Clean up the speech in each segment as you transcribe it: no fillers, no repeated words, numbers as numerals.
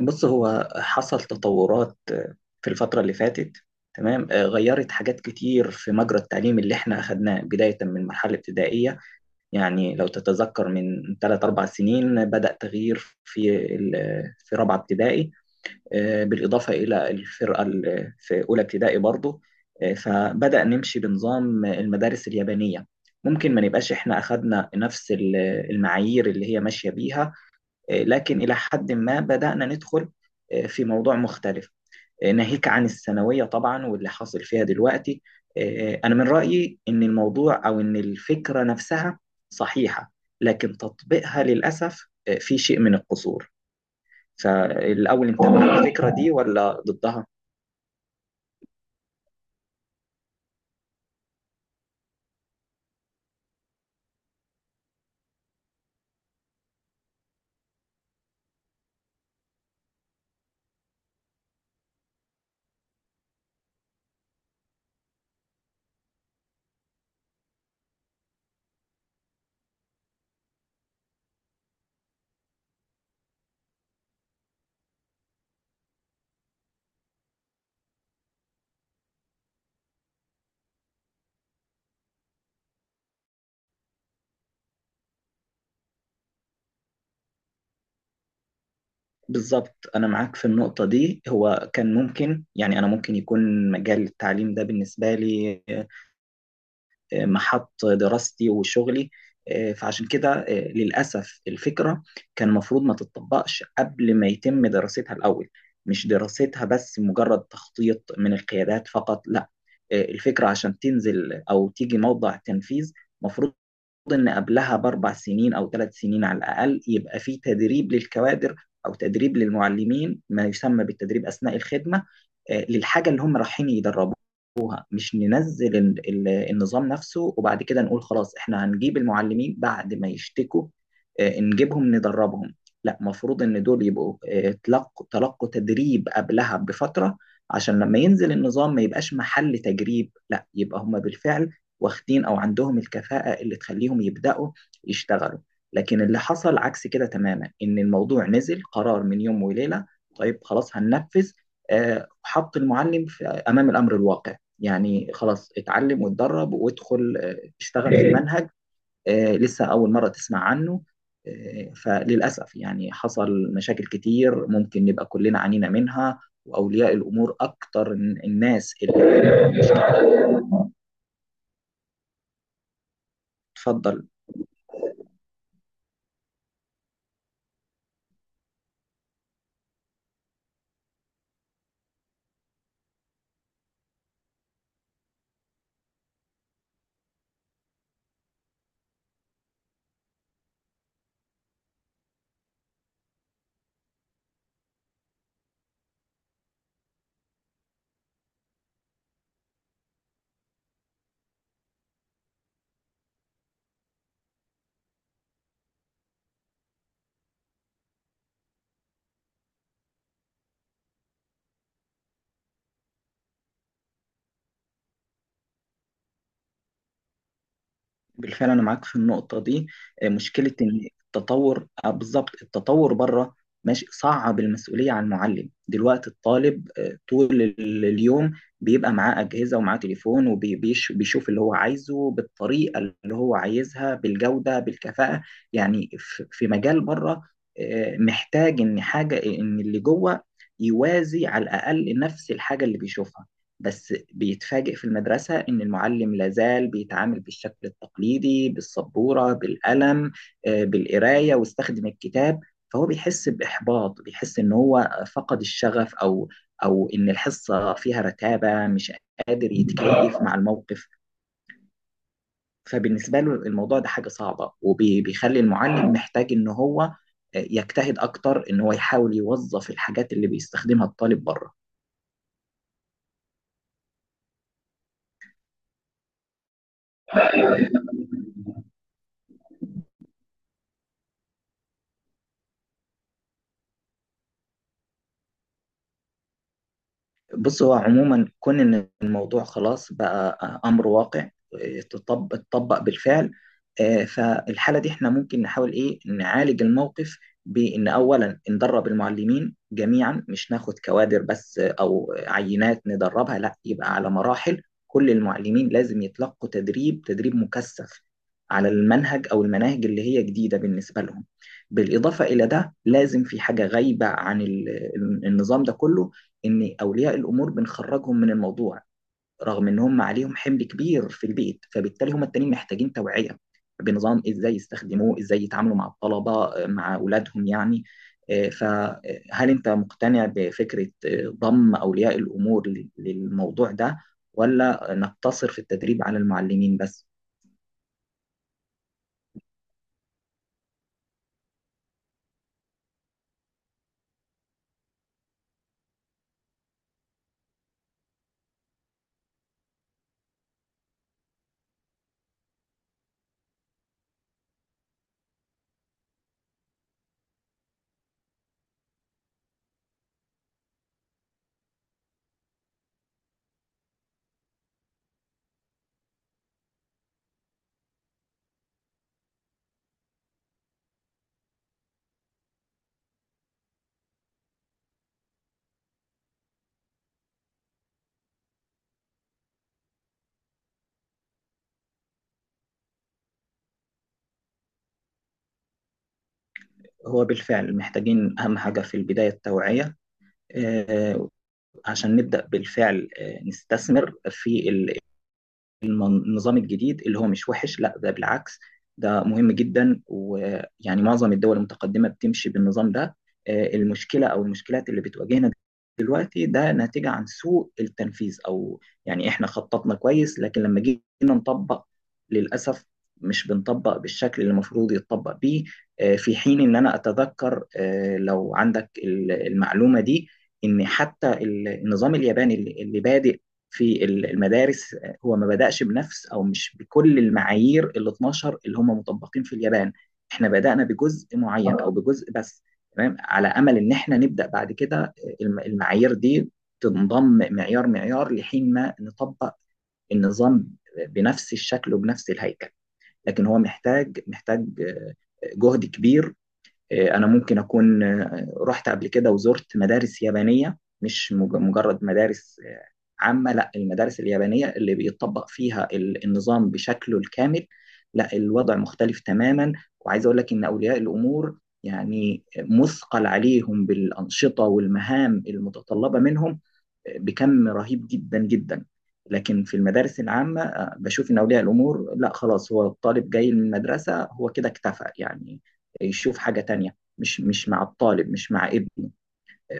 بص هو حصل تطورات في الفترة اللي فاتت. تمام، غيرت حاجات كتير في مجرى التعليم اللي احنا أخدناه بداية من مرحلة ابتدائية. يعني لو تتذكر من 3 أربع سنين بدأ تغيير في رابعة ابتدائي، بالإضافة إلى في أولى ابتدائي برضو. فبدأ نمشي بنظام المدارس اليابانية. ممكن ما نبقاش احنا أخدنا نفس المعايير اللي هي ماشية بيها، لكن إلى حد ما بدأنا ندخل في موضوع مختلف. ناهيك عن الثانوية طبعا واللي حاصل فيها دلوقتي. أنا من رأيي إن الموضوع أو إن الفكرة نفسها صحيحة، لكن تطبيقها للأسف في شيء من القصور. فالأول أنت مع الفكرة دي ولا ضدها؟ بالظبط، أنا معاك في النقطة دي. هو كان ممكن يعني أنا ممكن يكون مجال التعليم ده بالنسبة لي محط دراستي وشغلي. فعشان كده للأسف الفكرة كان المفروض ما تتطبقش قبل ما يتم دراستها الأول، مش دراستها بس، مجرد تخطيط من القيادات فقط، لا. الفكرة عشان تنزل أو تيجي موضع تنفيذ مفروض ان قبلها ب4 سنين او 3 سنين على الاقل يبقى في تدريب للكوادر او تدريب للمعلمين ما يسمى بالتدريب اثناء الخدمه، للحاجه اللي هم رايحين يدربوها. مش ننزل النظام نفسه وبعد كده نقول خلاص احنا هنجيب المعلمين بعد ما يشتكوا نجيبهم ندربهم. لا، مفروض ان دول يبقوا تلقوا تدريب قبلها بفتره، عشان لما ينزل النظام ما يبقاش محل تجريب، لا يبقى هم بالفعل واخدين او عندهم الكفاءة اللي تخليهم يبدأوا يشتغلوا. لكن اللي حصل عكس كده تماما، ان الموضوع نزل قرار من يوم وليلة. طيب خلاص هننفذ، حط المعلم في امام الامر الواقع. يعني خلاص اتعلم واتدرب وادخل اشتغل في منهج لسه اول مرة تسمع عنه. فللاسف يعني حصل مشاكل كتير ممكن نبقى كلنا عانينا منها، واولياء الامور اكتر الناس اللي مش... اتفضل. بالفعل انا معاك في النقطه دي. مشكله ان التطور، بالظبط التطور بره ماشي صعب. المسؤوليه على المعلم دلوقتي، الطالب طول اليوم بيبقى معاه اجهزه ومعاه تليفون وبيشوف اللي هو عايزه بالطريقه اللي هو عايزها بالجوده بالكفاءه. يعني في مجال بره، محتاج ان حاجه ان اللي جوه يوازي على الاقل نفس الحاجه اللي بيشوفها. بس بيتفاجئ في المدرسة إن المعلم لازال بيتعامل بالشكل التقليدي بالسبورة بالقلم بالقراية واستخدم الكتاب. فهو بيحس بإحباط، بيحس إن هو فقد الشغف، أو إن الحصة فيها رتابة، مش قادر يتكيف مع الموقف. فبالنسبة له الموضوع ده حاجة صعبة، وبيخلي المعلم محتاج إن هو يجتهد أكتر إن هو يحاول يوظف الحاجات اللي بيستخدمها الطالب بره. بص، هو عموما كون ان الموضوع خلاص بقى امر واقع، اتطبق بالفعل. فالحاله دي احنا ممكن نحاول ايه نعالج الموقف بان اولا ندرب المعلمين جميعا، مش ناخد كوادر بس او عينات ندربها، لا، يبقى على مراحل كل المعلمين لازم يتلقوا تدريب مكثف على المنهج او المناهج اللي هي جديده بالنسبه لهم. بالاضافه الى ده، لازم في حاجه غايبه عن النظام ده كله، ان اولياء الامور بنخرجهم من الموضوع، رغم ان هم عليهم حمل كبير في البيت. فبالتالي هم التانيين محتاجين توعيه بنظام ازاي يستخدموه، ازاي يتعاملوا مع الطلبه، مع اولادهم يعني. فهل انت مقتنع بفكره ضم اولياء الامور للموضوع ده، ولا نقتصر في التدريب على المعلمين بس؟ هو بالفعل محتاجين اهم حاجه في البدايه التوعيه، آه، عشان نبدأ بالفعل نستثمر في النظام الجديد اللي هو مش وحش، لا، ده بالعكس، ده مهم جدا. ويعني معظم الدول المتقدمة بتمشي بالنظام ده. المشكلة أو المشكلات اللي بتواجهنا دلوقتي ده ناتجة عن سوء التنفيذ، أو يعني إحنا خططنا كويس لكن لما جينا نطبق، للأسف، مش بنطبق بالشكل اللي المفروض يتطبق بيه. في حين إن أنا أتذكر، لو عندك المعلومة دي، إن حتى النظام الياباني اللي بادئ في المدارس هو ما بدأش بنفس او مش بكل المعايير ال 12 اللي هم مطبقين في اليابان. احنا بدأنا بجزء معين او بجزء بس، تمام، على امل ان احنا نبدأ بعد كده المعايير دي تنضم معيار معيار لحين ما نطبق النظام بنفس الشكل وبنفس الهيكل. لكن هو محتاج جهد كبير. انا ممكن اكون رحت قبل كده وزرت مدارس يابانيه، مش مجرد مدارس عامه، لا، المدارس اليابانيه اللي بيطبق فيها النظام بشكله الكامل، لا، الوضع مختلف تماما. وعايز اقول لك ان اولياء الامور يعني مثقل عليهم بالانشطه والمهام المتطلبه منهم بكم رهيب جدا جدا. لكن في المدارس العامة، بشوف إن أولياء الأمور لا، خلاص، هو الطالب جاي من المدرسة، هو كده اكتفى، يعني يشوف حاجة تانية مش مع الطالب مش مع ابنه.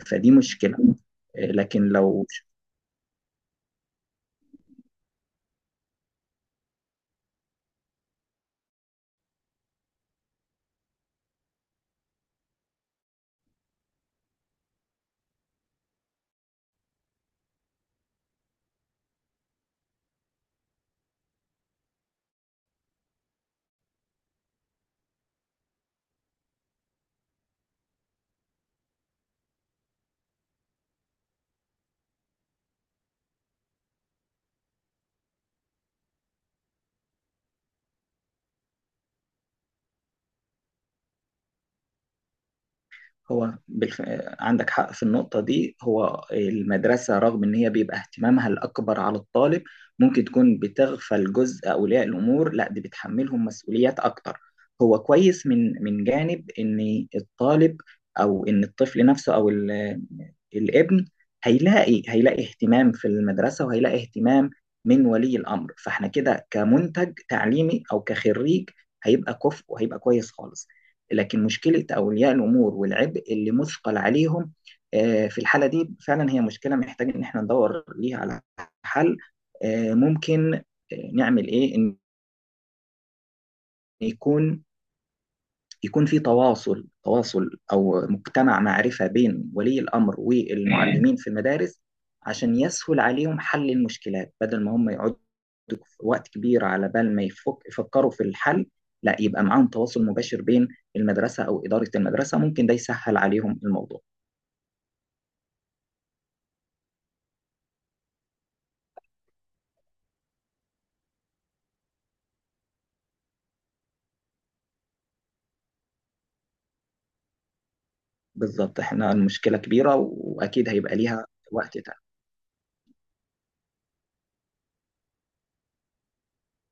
فدي مشكلة. لكن لو... هو عندك حق في النقطة دي. هو المدرسة رغم إن هي بيبقى اهتمامها الأكبر على الطالب، ممكن تكون بتغفل جزء أولياء الأمور، لا، دي بتحملهم مسؤوليات أكتر. هو كويس من جانب إن الطالب أو إن الطفل نفسه أو الابن هيلاقي اهتمام في المدرسة، وهيلاقي اهتمام من ولي الأمر. فإحنا كده كمنتج تعليمي أو كخريج هيبقى كفء وهيبقى كويس خالص. لكن مشكلة أولياء الأمور والعبء اللي مثقل عليهم في الحالة دي فعلا هي مشكلة، محتاج إن احنا ندور ليها على حل. ممكن نعمل إيه؟ إن يكون يكون في تواصل أو مجتمع معرفة بين ولي الأمر والمعلمين في المدارس، عشان يسهل عليهم حل المشكلات بدل ما هم يقعدوا وقت كبير على بال ما يفكروا في الحل. لا، يبقى معاهم تواصل مباشر بين المدرسة أو إدارة المدرسة، ممكن ده يسهل عليهم الموضوع. بالظبط، احنا المشكلة كبيرة واكيد هيبقى ليها وقت تاني.